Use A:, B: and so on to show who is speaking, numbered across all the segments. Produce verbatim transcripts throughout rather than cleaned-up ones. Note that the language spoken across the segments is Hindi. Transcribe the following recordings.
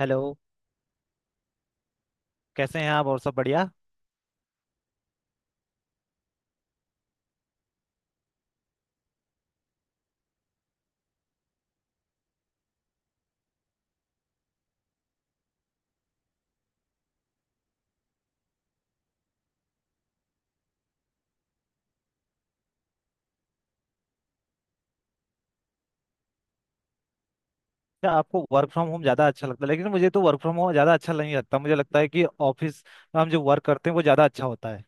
A: हेलो। कैसे हैं आप? और सब बढ़िया? क्या आपको वर्क फ्रॉम होम ज़्यादा अच्छा लगता है? लेकिन मुझे तो वर्क फ्रॉम होम ज़्यादा अच्छा नहीं लगता। मुझे लगता है कि ऑफिस में हम जो वर्क करते हैं वो ज़्यादा अच्छा होता है।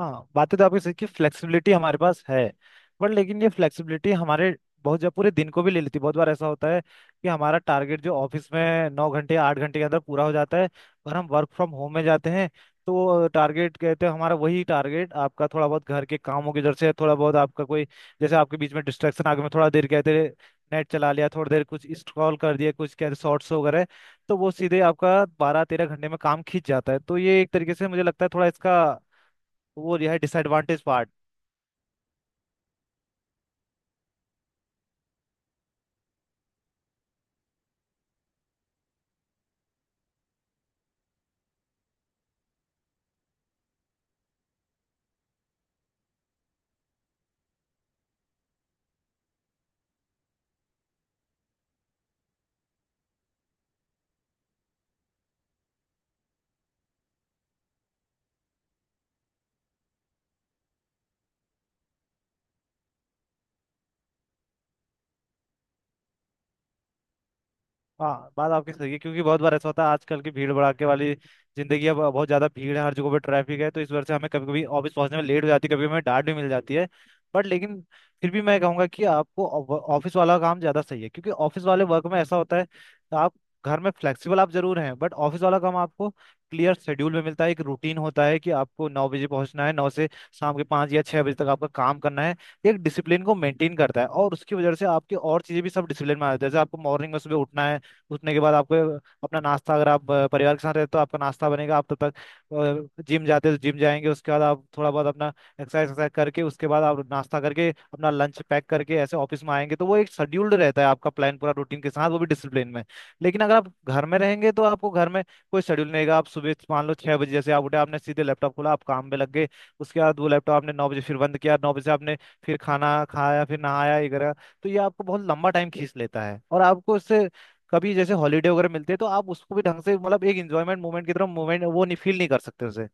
A: हाँ, बातें तो आपकी सही कि फ्लेक्सिबिलिटी हमारे पास है। बट लेकिन ये फ्लेक्सिबिलिटी हमारे बहुत जब पूरे दिन को भी ले लेती है। बहुत बार ऐसा होता है कि हमारा टारगेट जो ऑफिस में नौ घंटे आठ घंटे के अंदर पूरा हो जाता है, और हम वर्क फ्रॉम होम में जाते हैं तो टारगेट कहते हैं हमारा वही टारगेट आपका थोड़ा बहुत घर के कामों की वजह से, थोड़ा बहुत आपका कोई जैसे आपके बीच में डिस्ट्रैक्शन आ गया, मैं थोड़ा देर कहते हैं नेट चला लिया थोड़ी देर, कुछ स्क्रॉल कर दिया, कुछ कहते शॉर्ट्स वगैरह, तो वो सीधे आपका बारह तेरह घंटे में काम खींच जाता है। तो ये एक तरीके से मुझे लगता है थोड़ा इसका तो वो जो है डिसएडवांटेज पार्ट। हाँ, बात आपकी सही है क्योंकि बहुत बार ऐसा होता है आजकल की भीड़ भड़ाके वाली जिंदगी है, बहुत ज्यादा भीड़ है हर जगह पे ट्रैफिक है, तो इस वजह से हमें कभी कभी ऑफिस पहुंचने में लेट हो जाती है, कभी हमें डांट भी मिल जाती है। बट लेकिन फिर भी मैं कहूंगा कि आपको ऑफिस वाला काम ज्यादा सही है, क्योंकि ऑफिस वाले वर्क में ऐसा होता है तो आप घर में फ्लेक्सिबल आप जरूर हैं, बट ऑफिस वाला काम आपको क्लियर शेड्यूल में मिलता है। एक रूटीन होता है कि आपको नौ बजे पहुंचना है, नौ से शाम के पाँच या छह बजे तक आपका काम करना है। एक डिसिप्लिन को मेंटेन करता है और उसकी वजह से आपकी और चीजें भी सब डिसिप्लिन में आ जाती है। जैसे आपको मॉर्निंग में सुबह उठना है, उठने के बाद आपको अपना नाश्ता, अगर आप अ, परिवार के साथ रहते हो तो आपका नाश्ता बनेगा, आप तब तक जिम जाते हो तो जिम जाएंगे, उसके बाद आप थोड़ा बहुत अपना एक्सरसाइज एक्सरसाइज करके, उसके बाद आप नाश्ता करके अपना लंच पैक करके ऐसे ऑफिस में आएंगे, तो वो एक शेड्यूल्ड रहता है, आपका प्लान पूरा रूटीन के साथ वो भी डिसिप्लिन में। लेकिन अगर आप घर में रहेंगे तो आपको घर में कोई शेड्यूल नहीं रहेगा। आप सुबह मान लो छह बजे जैसे आप उठे आपने सीधे लैपटॉप खोला, आप काम में लग गए, उसके बाद वो लैपटॉप आपने नौ बजे फिर बंद किया, नौ बजे आपने फिर खाना खाया फिर नहाया ये करा, तो ये आपको बहुत लंबा टाइम खींच लेता है। और आपको इससे कभी जैसे हॉलीडे वगैरह मिलते हैं तो आप उसको भी ढंग से, मतलब एक एंजॉयमेंट मोमेंट की तरह मोमेंट वो नहीं फील नहीं कर सकते उसे।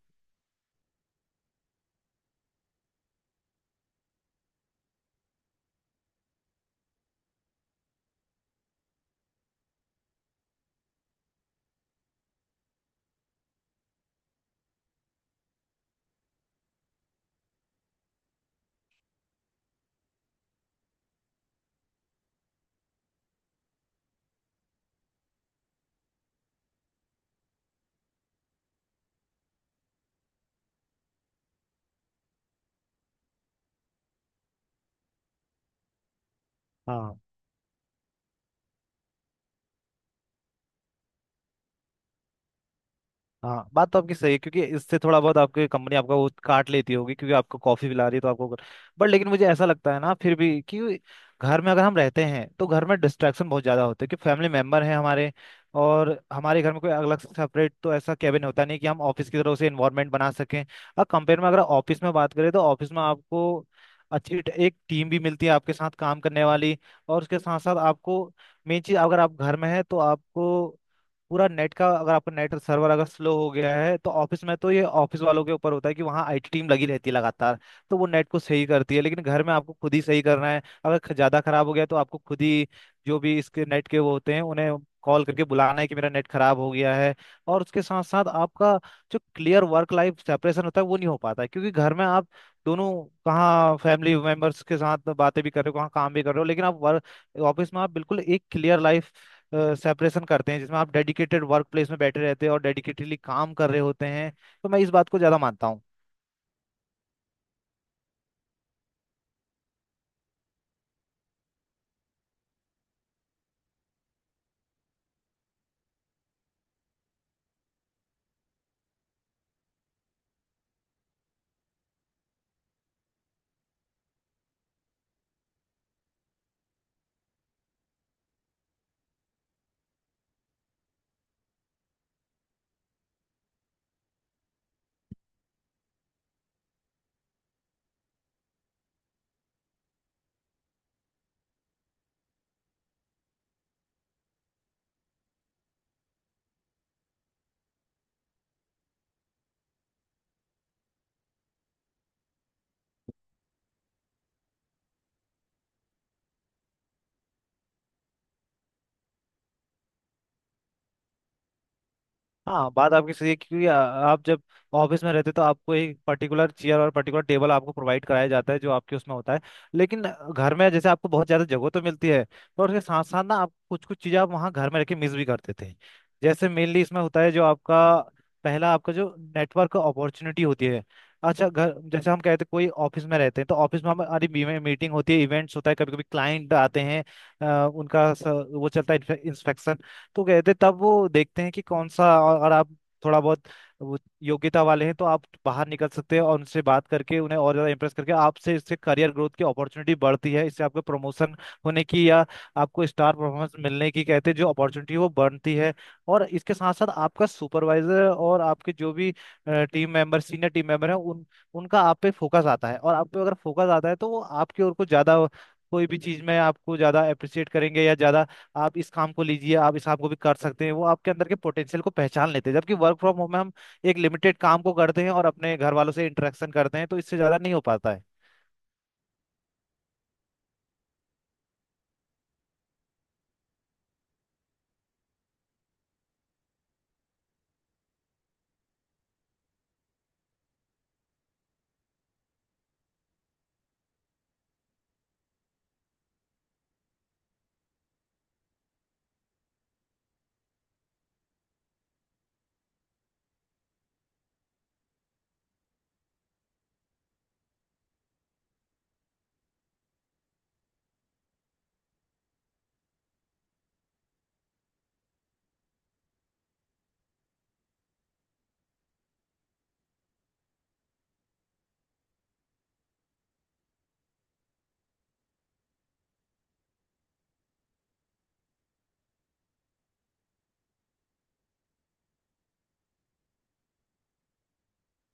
A: हाँ, हाँ, बात तो आपकी सही है क्योंकि इससे थोड़ा बहुत आपकी कंपनी आपका वो काट लेती होगी क्योंकि आपको कॉफी पिला रही है तो आपको। बट लेकिन मुझे ऐसा लगता है ना फिर भी कि घर में अगर हम रहते हैं तो घर में डिस्ट्रैक्शन बहुत ज्यादा होते हैं, कि फैमिली मेंबर हैं हमारे, और हमारे घर में कोई अलग से सेपरेट तो ऐसा कैबिन होता नहीं कि हम ऑफिस की तरह से इन्वायरमेंट बना सकें। और कंपेयर में अगर ऑफिस में बात करें तो ऑफिस में आपको अच्छी ट- एक टीम भी मिलती है आपके साथ काम करने वाली, और उसके साथ साथ आपको मेन चीज अगर आप घर में है तो आपको पूरा नेट का अगर आपका नेट सर्वर अगर स्लो हो गया है तो ऑफिस में तो ये ऑफिस वालों के ऊपर होता है कि वहाँ आईटी टीम लगी रहती है लगातार, तो वो नेट को सही करती है। लेकिन घर में आपको खुद ही सही करना है, अगर ख- ज्यादा खराब हो गया तो आपको खुद ही जो भी इसके नेट के वो होते हैं उन्हें कॉल करके बुलाना है कि मेरा नेट खराब हो गया है। और उसके साथ साथ आपका जो क्लियर वर्क लाइफ सेपरेशन होता है वो नहीं हो पाता है, क्योंकि घर में आप दोनों कहाँ फैमिली मेंबर्स के साथ बातें भी कर रहे हो कहाँ काम भी कर रहे हो, लेकिन आप वर्क ऑफिस में आप बिल्कुल एक क्लियर लाइफ सेपरेशन करते हैं जिसमें आप डेडिकेटेड वर्क प्लेस में बैठे रहते हैं और डेडिकेटेडली काम कर रहे होते हैं। तो मैं इस बात को ज़्यादा मानता हूँ। हाँ, बात आपकी सही है क्योंकि आ- आप जब ऑफिस में रहते तो आपको एक पर्टिकुलर चेयर और पर्टिकुलर टेबल आपको प्रोवाइड कराया जाता है जो आपके उसमें होता है। लेकिन घर में जैसे आपको बहुत ज़्यादा जगह तो मिलती है, पर उसके साथ साथ ना आप कुछ कुछ चीज़ें आप वहाँ घर में रख के मिस भी करते थे, जैसे मेनली इसमें होता है जो आपका पहला आपका जो नेटवर्क अपॉर्चुनिटी होती है। अच्छा घर जैसे हम कहते हैं कोई ऑफिस में रहते हैं तो ऑफिस में हमारी मीटिंग होती है, इवेंट्स होता है, कभी कभी क्लाइंट आते हैं, अ, उनका स- वो चलता है इंस्पेक्शन, तो कहते तब वो देखते हैं कि कौन सा अगर आप थोड़ा बहुत वो योग्यता वाले हैं तो आप बाहर निकल सकते हैं और उनसे बात करके उन्हें और ज़्यादा इम्प्रेस करके आपसे इससे करियर ग्रोथ की अपॉर्चुनिटी बढ़ती है, इससे आपको प्रमोशन होने की या आपको स्टार परफॉर्मेंस मिलने की कहते हैं जो अपॉर्चुनिटी वो बढ़ती है। और इसके साथ साथ आपका सुपरवाइजर और आपके जो भी team member senior team member हैं उन उनका आप पे फोकस आता है और आप पे अगर फोकस आता है तो वो आपकी ओर को ज़्यादा कोई भी चीज़ में आपको ज़्यादा अप्रिशिएट करेंगे या ज़्यादा आप इस काम को लीजिए आप इस काम को भी कर सकते हैं वो आपके अंदर के पोटेंशियल को पहचान लेते हैं। जबकि वर्क फ्रॉम होम में हम एक लिमिटेड काम को करते हैं और अपने घर वालों से इंटरेक्शन करते हैं तो इससे ज्यादा नहीं हो पाता है।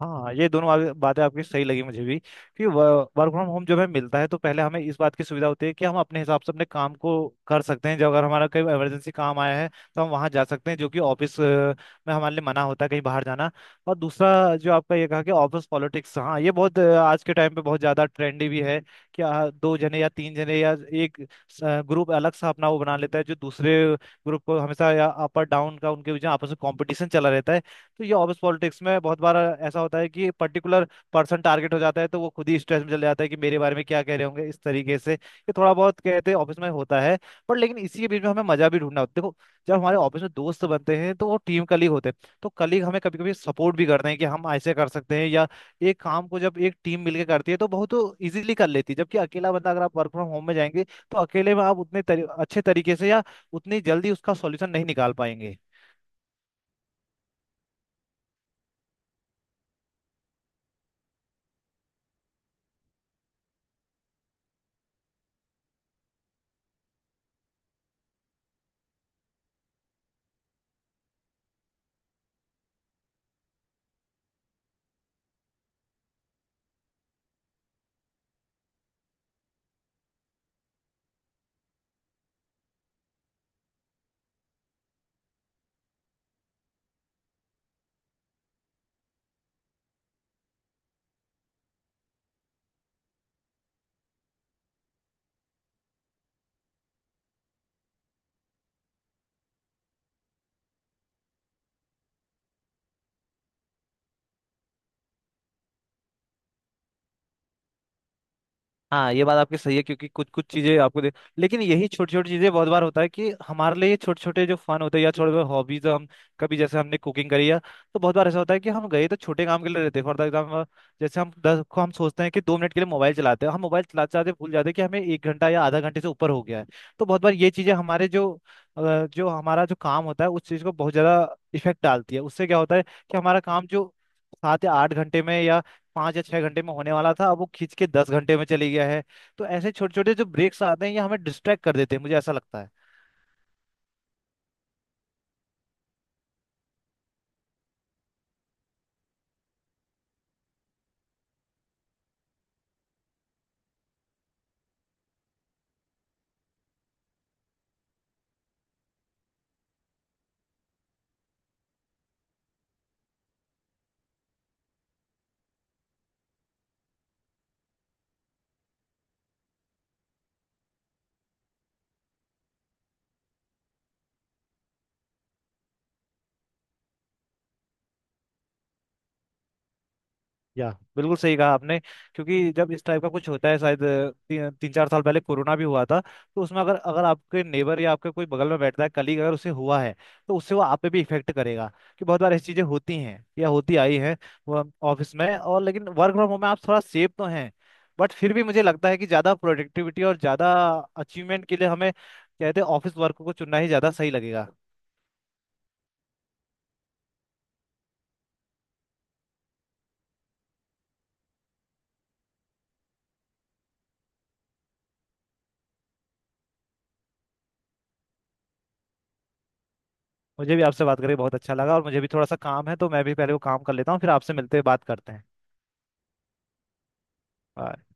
A: हाँ, ये दोनों बातें बातें आपकी सही लगी मुझे भी, कि वर्क फ्रॉम होम जब हमें मिलता है तो पहले हमें इस बात की सुविधा होती है कि हम अपने हिसाब से अपने काम को कर सकते हैं। जब अगर हमारा कोई इमरजेंसी काम आया है तो हम वहाँ जा सकते हैं, जो कि ऑफिस अ, में हमारे लिए मना होता है कहीं बाहर जाना। और दूसरा जो आपका ये कहा कि ऑफिस पॉलिटिक्स, हाँ ये बहुत अ, आज के टाइम पे बहुत ज़्यादा ट्रेंडी भी है, कि आ, दो जने या तीन जने या एक ग्रुप अलग सा अपना वो बना लेता है जो दूसरे ग्रुप को हमेशा या अपर डाउन का उनके बीच में आपस में कॉम्पिटिशन चला रहता है। तो ये ऑफिस पॉलिटिक्स में बहुत बार ऐसा होता है कि पर्टिकुलर पर्सन टारगेट हो जाता है, तो वो खुद ही स्ट्रेस में चले जाता है कि मेरे बारे में क्या कह रहे होंगे, इस तरीके से ये थोड़ा बहुत कहते हैं ऑफिस में होता है। पर लेकिन इसी के बीच में हमें मजा भी ढूंढना होता है। देखो, जब हमारे ऑफिस में दोस्त बनते हैं तो वो टीम कलीग होते हैं, तो कलीग हमें कभी कभी सपोर्ट भी करते हैं, कि हम ऐसे कर सकते हैं या एक काम को जब एक टीम मिलकर करती है तो बहुत इजीली कर लेती है। जबकि अकेला बंदा अगर आप वर्क फ्रॉम होम में जाएंगे तो अकेले में आप उतने तरी, अच्छे तरीके से या उतनी जल्दी उसका सॉल्यूशन नहीं निकाल पाएंगे। हाँ, ये बात आपकी सही है क्योंकि कुछ कुछ चीजें आपको दे, लेकिन यही छोटी छोटी चीजें बहुत बार होता है कि हमारे लिए छोटे छोटे जो फन होते हैं या छोटे छोटे हॉबीज हम कभी जैसे हमने कुकिंग करी है, तो बहुत बार ऐसा होता है कि हम गए तो छोटे काम के लिए रहते हैं, फॉर एग्जाम्पल जैसे हम दस को हम सोचते हैं कि दो मिनट के लिए मोबाइल चलाते हैं हम मोबाइल चलाते चलाते भूल जाते हैं कि हमें एक घंटा या आधा घंटे से ऊपर हो गया है। तो बहुत बार ये चीजें हमारे जो अ, जो हमारा जो काम होता है उस चीज को बहुत ज्यादा इफेक्ट डालती है। उससे क्या होता है कि हमारा काम जो सात या आठ घंटे में या पाँच या छह घंटे में होने वाला था अब वो खींच के दस घंटे में चले गया है। तो ऐसे छोटे छोटे जो ब्रेक्स आते हैं ये हमें डिस्ट्रैक्ट कर देते हैं मुझे ऐसा लगता है। या बिल्कुल सही कहा आपने, क्योंकि जब इस टाइप का कुछ होता है शायद अ, ती, तीन चार साल पहले कोरोना भी हुआ था, तो उसमें अगर अगर आपके नेबर या आपके कोई बगल में बैठता है कलीग अगर उसे हुआ है तो उससे वो आप पे भी इफेक्ट करेगा। कि बहुत बार ऐसी चीजें होती हैं या होती आई हैं वो ऑफिस में। और लेकिन वर्क फ्रॉम होम में आप थोड़ा सेफ तो हैं, बट फिर भी मुझे लगता है कि ज्यादा प्रोडक्टिविटी और ज्यादा अचीवमेंट के लिए हमें कहते हैं ऑफिस वर्क को चुनना ही ज्यादा सही लगेगा। मुझे भी आपसे बात करके बहुत अच्छा लगा, और मुझे भी थोड़ा सा काम है तो मैं भी पहले वो काम कर लेता हूँ फिर आपसे मिलते बात करते हैं। Bye.